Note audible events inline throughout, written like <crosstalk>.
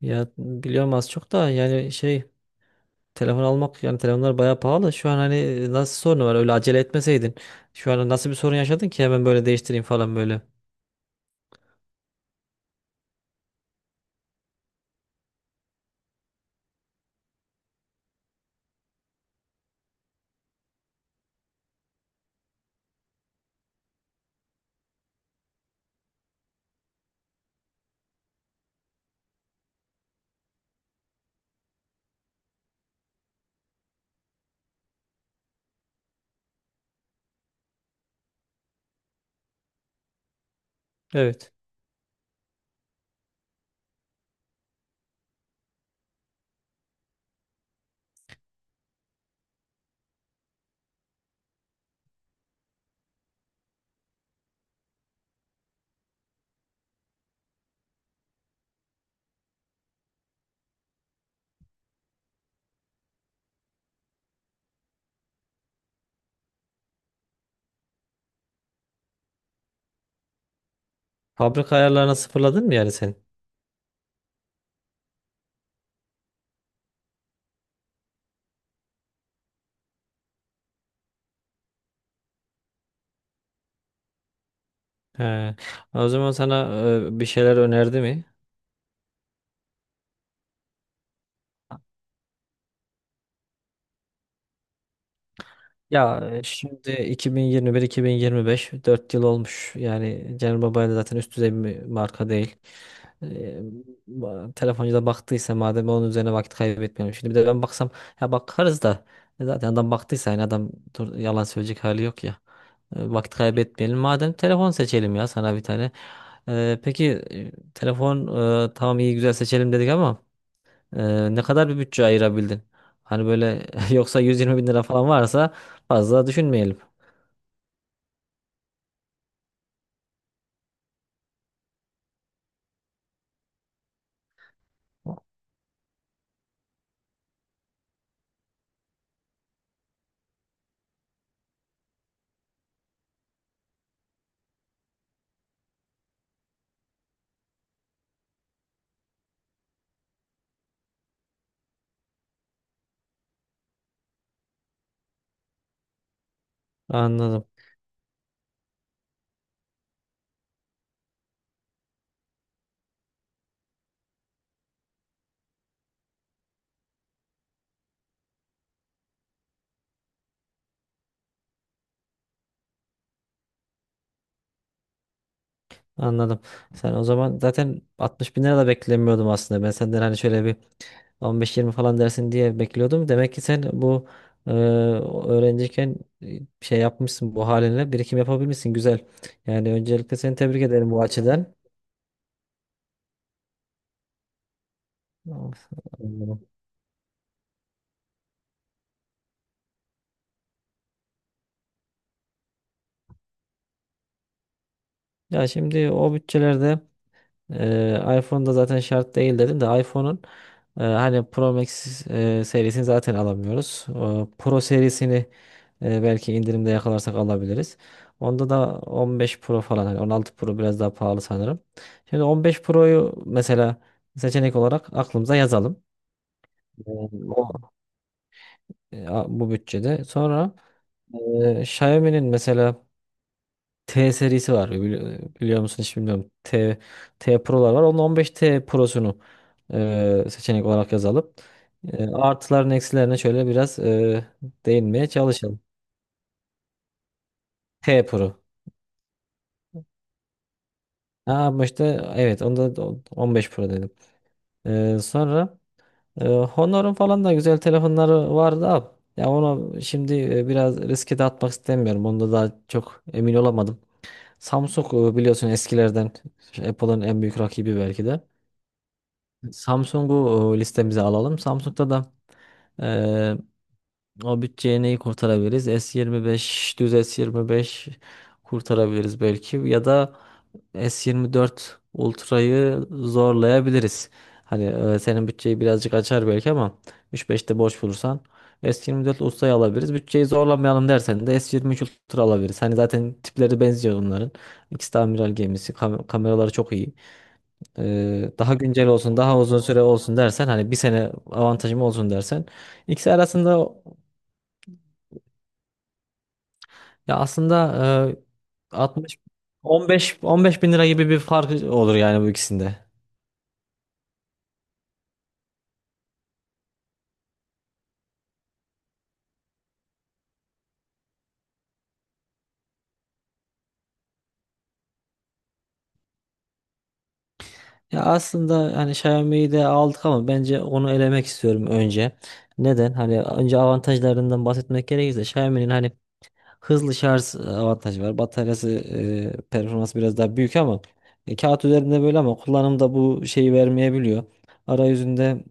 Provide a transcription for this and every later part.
Ya biliyorum az çok da yani şey telefon almak. Yani telefonlar bayağı pahalı. Şu an hani, nasıl sorunu var öyle acele etmeseydin. Şu an nasıl bir sorun yaşadın ki hemen böyle değiştireyim falan böyle. Evet. Fabrika ayarlarına sıfırladın mı yani sen? He. O zaman sana bir şeyler önerdi mi? Ya şimdi 2021-2025 4 yıl olmuş. Yani Cenel Baba'yla zaten üst düzey bir marka değil. Ee, Telefoncu da baktıysa madem, onun üzerine vakit kaybetmiyorum. Şimdi bir de ben baksam, ya bakarız da zaten adam baktıysa, yani adam yalan söyleyecek hali yok ya. Vakit kaybetmeyelim. Madem telefon seçelim ya sana bir tane. Peki, telefon, tamam iyi güzel seçelim dedik ama ne kadar bir bütçe ayırabildin? Hani böyle <laughs> yoksa 120 bin lira falan varsa fazla düşünmeyelim. Anladım. Anladım. Sen o zaman zaten 60 bin lira da beklemiyordum aslında. Ben senden hani şöyle bir 15-20 falan dersin diye bekliyordum. Demek ki sen bu, e, öğrenciyken şey yapmışsın, bu halinle birikim yapabilmişsin. Güzel. Yani öncelikle seni tebrik ederim bu açıdan. Of, anladım. Ya şimdi o bütçelerde, iPhone'da zaten şart değil dedim, de iPhone'un hani Pro Max serisini zaten alamıyoruz. O Pro serisini belki indirimde yakalarsak alabiliriz. Onda da 15 Pro falan, hani 16 Pro biraz daha pahalı sanırım. Şimdi 15 Pro'yu mesela seçenek olarak aklımıza yazalım. Ee, O Bu bütçede. Sonra Xiaomi'nin mesela T serisi var. Biliyor musun, hiç bilmiyorum. T, T Pro'lar var. Onun 15T Pro'sunu seçenek olarak yazalım. Artılarını eksilerine şöyle biraz değinmeye çalışalım. T Pro. Ha, ama işte evet onda da 15 Pro dedim. Sonra Honor'un falan da güzel telefonları vardı abi. Ya onu şimdi biraz riske de atmak istemiyorum. Onda daha çok emin olamadım. Samsung, biliyorsun, eskilerden Apple'ın en büyük rakibi belki de. Samsung'u listemize alalım. Samsung'da da e, o bütçeye neyi kurtarabiliriz? S25, düz S25 kurtarabiliriz belki, ya da S24 Ultra'yı zorlayabiliriz. Hani senin bütçeyi birazcık açar belki, ama 3-5'te boş bulursan S24 Ultra'yı alabiliriz. Bütçeyi zorlamayalım dersen de S23 Ultra alabiliriz. Hani zaten tipleri benziyor onların. İkisi de amiral gemisi. Kameraları çok iyi. Daha güncel olsun, daha uzun süre olsun dersen, hani bir sene avantajım olsun dersen, ikisi arasında, ya aslında 60 15 15 bin lira gibi bir fark olur yani bu ikisinde. Ya aslında hani Xiaomi'yi de aldık, ama bence onu elemek istiyorum önce. Neden? Hani önce avantajlarından bahsetmek gerekirse, Xiaomi'nin hani hızlı şarj avantajı var. Bataryası, performansı biraz daha büyük, ama kağıt üzerinde böyle, ama kullanımda bu şeyi vermeyebiliyor. Arayüzünde,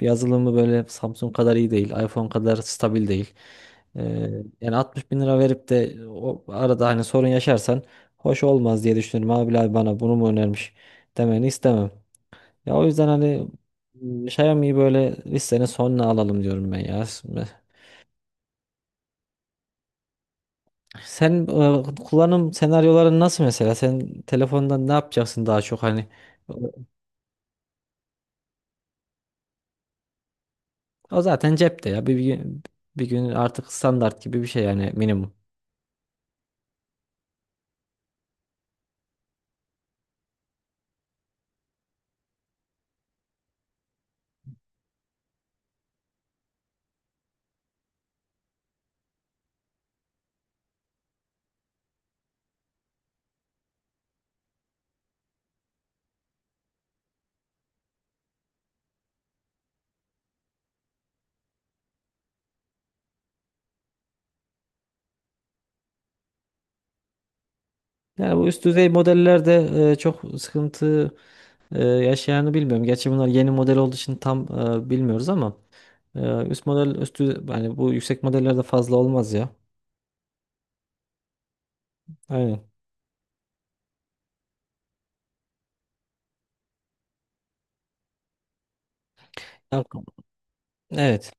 yazılımı böyle Samsung kadar iyi değil. iPhone kadar stabil değil. E, Yani 60 bin lira verip de o arada hani sorun yaşarsan hoş olmaz diye düşünüyorum. Abi abi bana bunu mu önermiş demeni istemem. Ya o yüzden hani Xiaomi'yi böyle listenin sonuna alalım diyorum ben ya. Sen, kullanım senaryoların nasıl mesela? Sen telefondan ne yapacaksın daha çok hani? O o zaten cepte ya. Bir, bir gün, bir gün artık standart gibi bir şey yani, minimum. Yani bu üst düzey modellerde çok sıkıntı yaşayanı bilmiyorum. Gerçi bunlar yeni model olduğu için tam bilmiyoruz, ama üst model üstü, yani bu yüksek modellerde fazla olmaz ya. Aynen. Ya. Evet.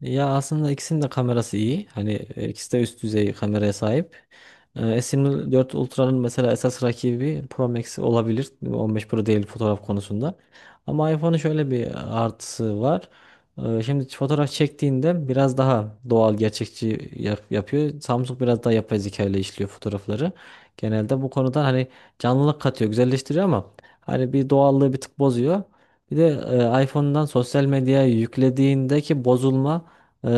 Ya aslında ikisinin de kamerası iyi. Hani ikisi de üst düzey kameraya sahip. S24 Ultra'nın mesela esas rakibi Pro Max olabilir. 15 Pro değil fotoğraf konusunda. Ama iPhone'un şöyle bir artısı var. Şimdi fotoğraf çektiğinde biraz daha doğal, gerçekçi yapıyor. Samsung biraz daha yapay zeka ile işliyor fotoğrafları. Genelde bu konuda hani canlılık katıyor, güzelleştiriyor, ama hani bir doğallığı bir tık bozuyor. Bir de iPhone'dan sosyal medyaya yüklediğindeki bozulma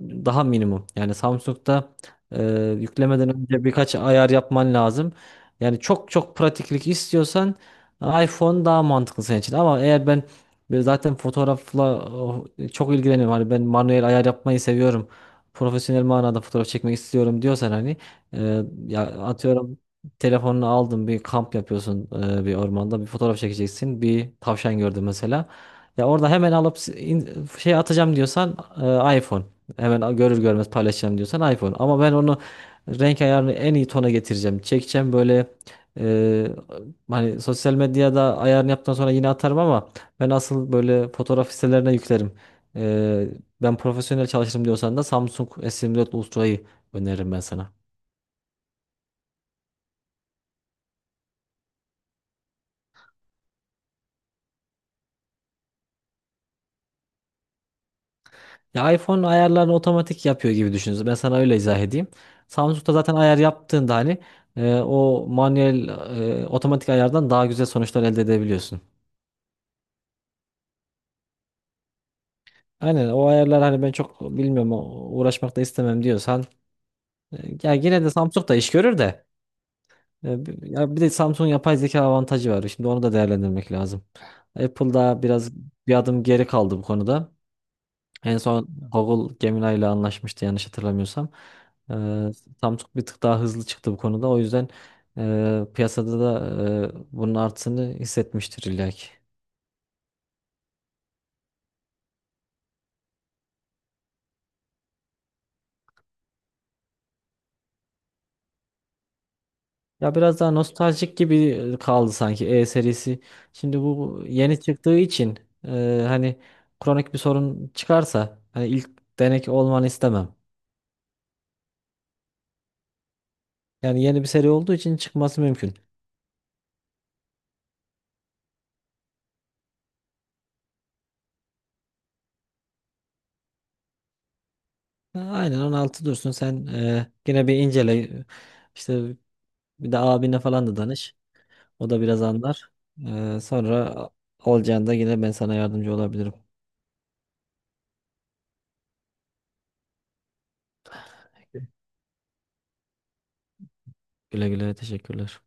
daha minimum. Yani Samsung'da e, yüklemeden önce birkaç ayar yapman lazım. Yani çok çok pratiklik istiyorsan iPhone daha mantıklı senin için. Ama eğer ben böyle zaten fotoğrafla oh, çok ilgileniyorum. Hani ben manuel ayar yapmayı seviyorum. Profesyonel manada fotoğraf çekmek istiyorum diyorsan, hani e, ya atıyorum, telefonunu aldın, bir kamp yapıyorsun, bir ormanda bir fotoğraf çekeceksin. Bir tavşan gördün mesela. Ya orada hemen alıp şey atacağım diyorsan, iPhone. Hemen görür görmez paylaşacağım diyorsan iPhone. Ama ben onu renk ayarını en iyi tona getireceğim, çekeceğim böyle, e, hani sosyal medyada ayarını yaptıktan sonra yine atarım, ama ben asıl böyle fotoğraf sitelerine yüklerim. E, Ben profesyonel çalışırım diyorsan da Samsung S24 Ultra'yı öneririm ben sana. Ya iPhone ayarlarını otomatik yapıyor gibi düşünün. Ben sana öyle izah edeyim. Samsung'da zaten ayar yaptığında hani o manuel otomatik ayardan daha güzel sonuçlar elde edebiliyorsun. Aynen, o ayarlar. Hani ben çok bilmiyorum, uğraşmak da istemem diyorsan, e, ya yine de Samsung da iş görür de ya bir de Samsung yapay zeka avantajı var. Şimdi onu da değerlendirmek lazım. Apple'da biraz bir adım geri kaldı bu konuda. En son Google Gemini ile anlaşmıştı yanlış hatırlamıyorsam. Eee Samsung bir tık daha hızlı çıktı bu konuda. O yüzden piyasada da bunun artısını hissetmiştir illa ki. Ya biraz daha nostaljik gibi kaldı sanki E serisi. Şimdi bu yeni çıktığı için hani, kronik bir sorun çıkarsa hani ilk denek olmanı istemem. Yani yeni bir seri olduğu için çıkması mümkün. Ha, aynen, 16 dursun. Sen yine bir incele işte, bir de abine falan da danış. O da biraz anlar. Sonra olacağında yine ben sana yardımcı olabilirim. Güle güle, teşekkürler.